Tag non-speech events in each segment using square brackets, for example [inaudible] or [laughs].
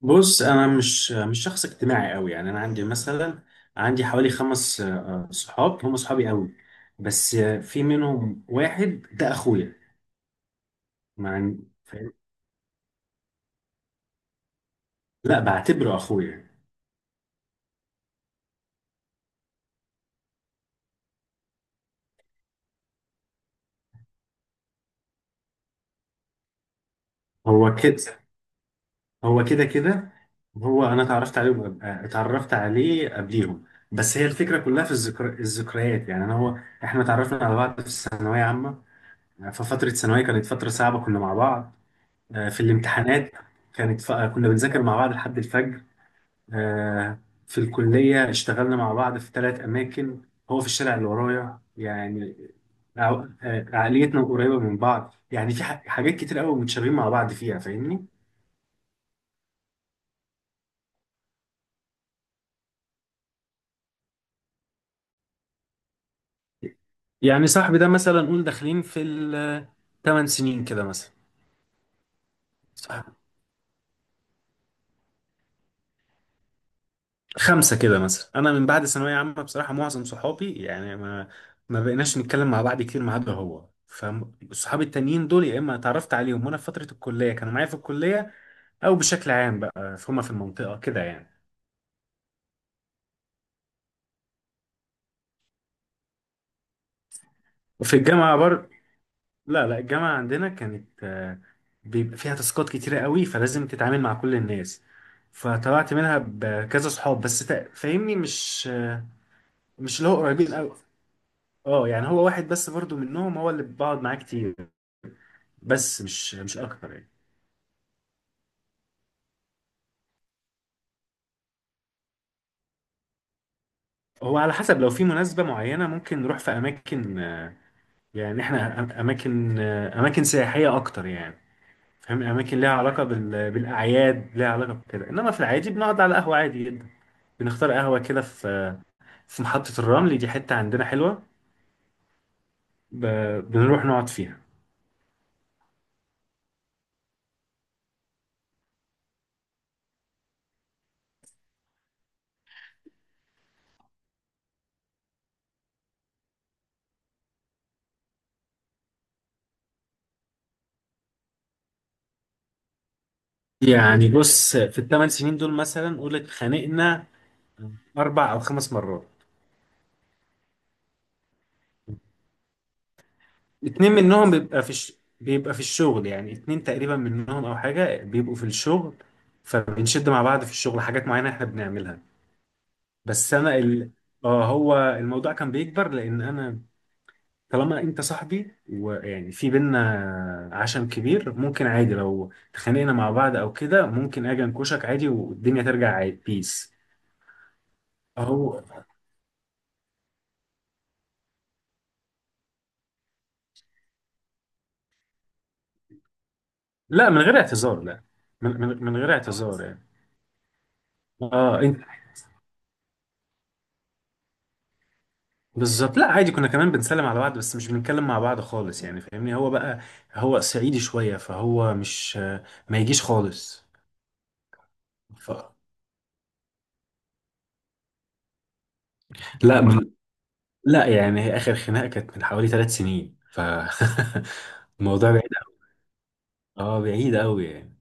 بص، انا مش شخص اجتماعي قوي، يعني انا عندي مثلا عندي حوالي خمس صحاب هم صحابي قوي. بس في منهم واحد ده اخويا مع. فاهم؟ لا، بعتبره اخويا. هو كده. هو كده كده. هو انا اتعرفت عليه، اتعرفت عليه قبليهم. بس هي الفكره كلها في الذكريات، يعني انا هو احنا اتعرفنا على بعض في الثانويه عامه. ففتره ثانويه كانت فتره صعبه، كنا مع بعض في الامتحانات. كنا بنذاكر مع بعض لحد الفجر. في الكلية اشتغلنا مع بعض في ثلاث أماكن. هو في الشارع اللي ورايا يعني. عقليتنا قريبة من بعض، يعني في حاجات كتير قوي متشابهين مع بعض فيها. فاهمني؟ يعني صاحبي ده مثلا نقول داخلين في ال 8 سنين كده مثلا. صح. خمسة كده مثلا، أنا من بعد ثانوية عامة بصراحة معظم صحابي يعني ما بقيناش نتكلم مع بعض كتير ما عدا هو. فصحابي التانيين دول يا إما اتعرفت عليهم وأنا في فترة الكلية كانوا معايا في الكلية، او بشكل عام بقى هما في المنطقه كده يعني. وفي الجامعه لا، لا، الجامعه عندنا كانت بيبقى فيها تاسكات كتيره قوي فلازم تتعامل مع كل الناس. فطلعت منها بكذا صحاب بس فاهمني، مش مش اللي هو قريبين قوي. اه يعني هو واحد بس برضو منهم، هو اللي بقعد معاه كتير بس مش اكتر يعني. هو على حسب، لو في مناسبة معينة ممكن نروح في أماكن، يعني إحنا أماكن أماكن سياحية أكتر يعني. فاهم، اماكن ليها علاقه بالاعياد، ليها علاقه بكده، انما في العادي بنقعد على قهوه عادي جدا. بنختار قهوه كده في محطه الرمل، دي حته عندنا حلوه. ب... بنروح نقعد فيها. يعني بص، في الثمان سنين دول مثلا قول اتخانقنا اربع او خمس مرات. اتنين منهم بيبقى في بيبقى في الشغل، يعني اتنين تقريبا منهم او حاجه بيبقوا في الشغل. فبنشد مع بعض في الشغل، حاجات معينه احنا بنعملها. بس انا ال... اه هو الموضوع كان بيكبر لان انا طالما انت صاحبي ويعني في بينا عشم كبير ممكن عادي لو اتخانقنا مع بعض او كده ممكن اجي انكشك عادي والدنيا ترجع عادي. بيس. اهو. لا، من غير اعتذار لا. من غير اعتذار يعني. اه، انت بالظبط. لا عادي، كنا كمان بنسلم على بعض بس مش بنتكلم مع بعض خالص، يعني فاهمني. هو بقى هو صعيدي شوية فهو مش، ما يجيش خالص. ف... لا من... لا يعني، هي اخر خناقة كانت من حوالي ثلاث سنين ف. [laughs] الموضوع بعيد. اه، بعيد قوي يعني.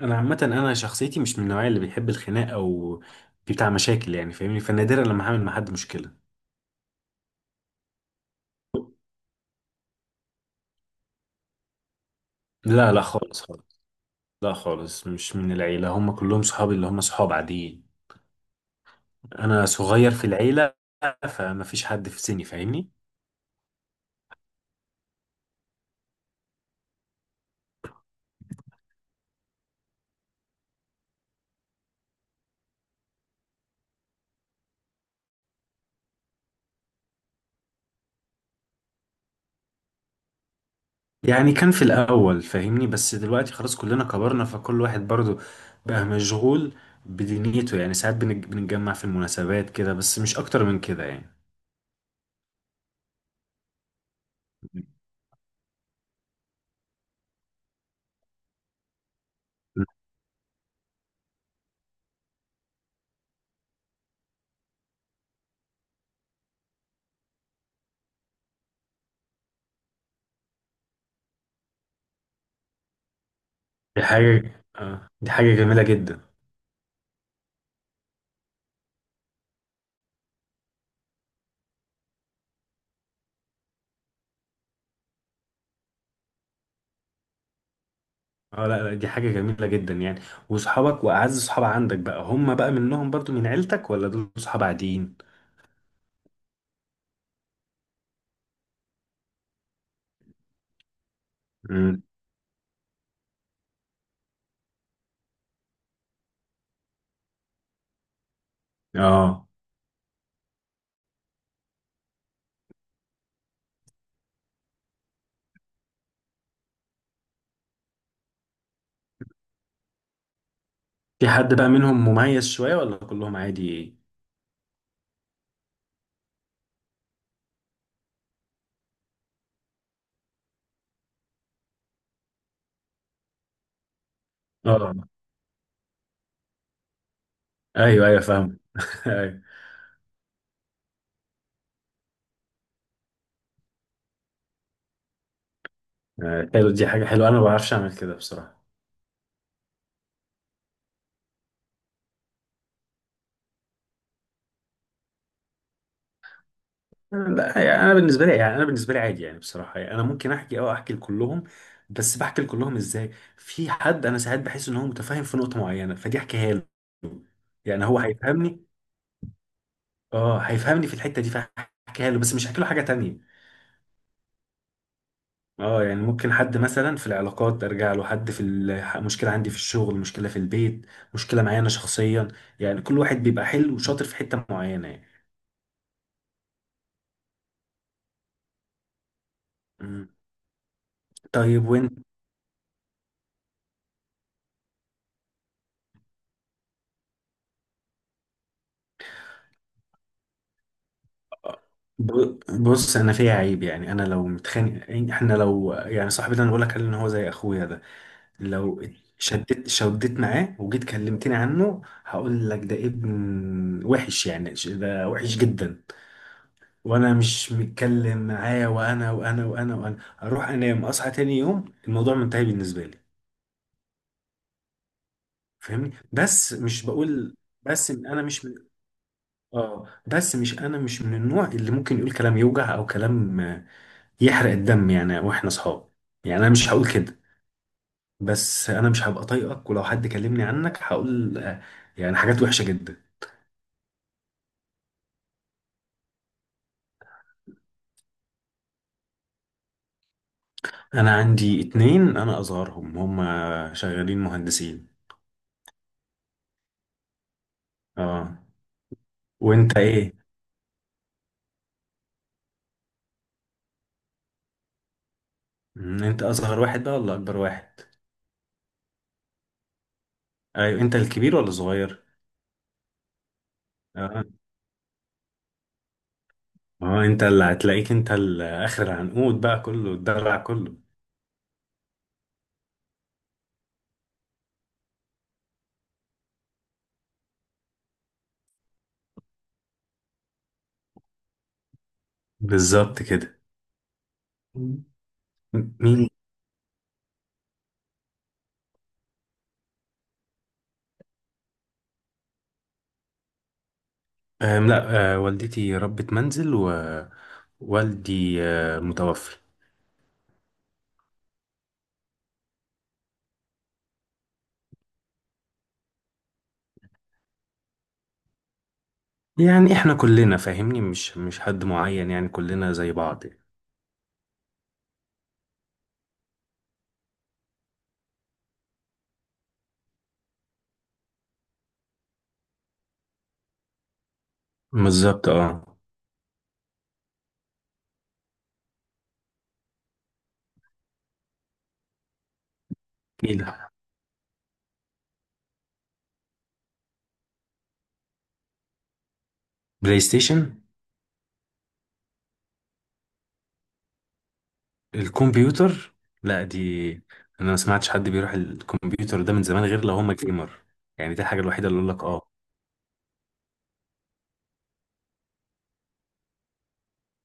انا عامه انا شخصيتي مش من النوعيه اللي بيحب الخناق او بتاع مشاكل يعني، فاهمني. فنادرا لما هعمل مع حد مشكله. لا، لا، خالص، خالص. لا، خالص مش من العيله، هم كلهم صحابي اللي هم صحاب عاديين. انا صغير في العيله، فما فيش حد في سني، فاهمني. يعني كان في الاول فاهمني، بس دلوقتي خلاص كلنا كبرنا، فكل واحد برضو بقى مشغول بدنيته، يعني ساعات بنتجمع في المناسبات كده بس مش اكتر من كده يعني. دي حاجه جميله جدا. اه، لا لا، دي حاجة جميلة جدا يعني. وصحابك وأعز صحاب عندك بقى هم بقى منهم برضو من عيلتك ولا دول صحاب عاديين؟ امم. اه، في حد بقى منهم مميز شوية ولا كلهم عادي؟ اه، ايوه، ايوه، فاهم. [laughs] ايوه. حلو، دي حاجة حلوة، أنا ما بعرفش أعمل كده بصراحة. لا، يعني أنا بالنسبة لي يعني أنا بالنسبة لي عادي، يعني بصراحة يعني أنا ممكن أحكي لكلهم. بس بحكي لكلهم إزاي؟ في حد أنا ساعات بحس إن هو متفاهم في نقطة معينة فدي أحكيها له. يعني هو هيفهمني. اه، هيفهمني في الحته دي فهحكيها له، بس مش هحكي له حاجه تانية. اه، يعني ممكن حد مثلا في العلاقات ارجع له، حد في مشكله عندي في الشغل، مشكله في البيت، مشكله معايا انا شخصيا. يعني كل واحد بيبقى حلو وشاطر في حته معينه يعني. مم. طيب وانت، بص انا فيا عيب، يعني انا لو متخانق يعني احنا لو، يعني صاحبي ده انا بقول لك عليه ان هو زي اخويا ده، لو شدت معاه وجيت كلمتني عنه هقول لك ده ابن وحش، يعني ده وحش جدا. وانا مش متكلم معاه، وانا اروح انام اصحى تاني يوم الموضوع منتهي بالنسبه لي، فاهمني. بس مش بقول، بس إن انا مش من اه بس مش انا مش من النوع اللي ممكن يقول كلام يوجع او كلام، يحرق الدم يعني، واحنا اصحاب. يعني انا مش هقول كده. بس انا مش هبقى طايقك، ولو حد كلمني عنك هقول يعني حاجات وحشه جدا. انا عندي اتنين، انا اصغرهم، هما شغالين مهندسين. اه. وانت ايه؟ انت اصغر واحد بقى ولا اكبر واحد؟ ايوه، انت الكبير ولا الصغير؟ اه. اه، انت اللي هتلاقيك انت اخر العنقود، بقى كله الدلع كله. بالظبط كده. مم. مين؟ لا، والدتي ربة منزل، ووالدي متوفي. يعني احنا كلنا فاهمني، مش حد معين، يعني كلنا زي بعض يعني. بالظبط اه. ايه ده؟ بلاي ستيشن؟ الكمبيوتر. لا، دي، انا ما سمعتش حد بيروح الكمبيوتر ده من زمان غير لو هم جيمر. يعني دي الحاجه الوحيده اللي اقول لك. اه.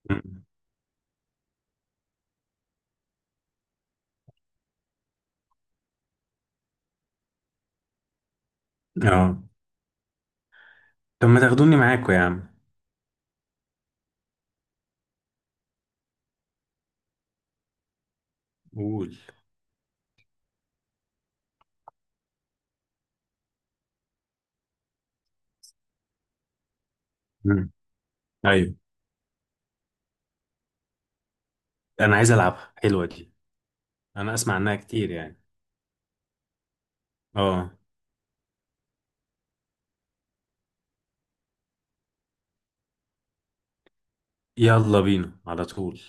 مم. اه، طب ما تاخدوني معاكم يا عم. قول. مم. ايوه، انا عايز العبها، حلوه دي. انا اسمع عنها كتير يعني. اه، يلا بينا على طول.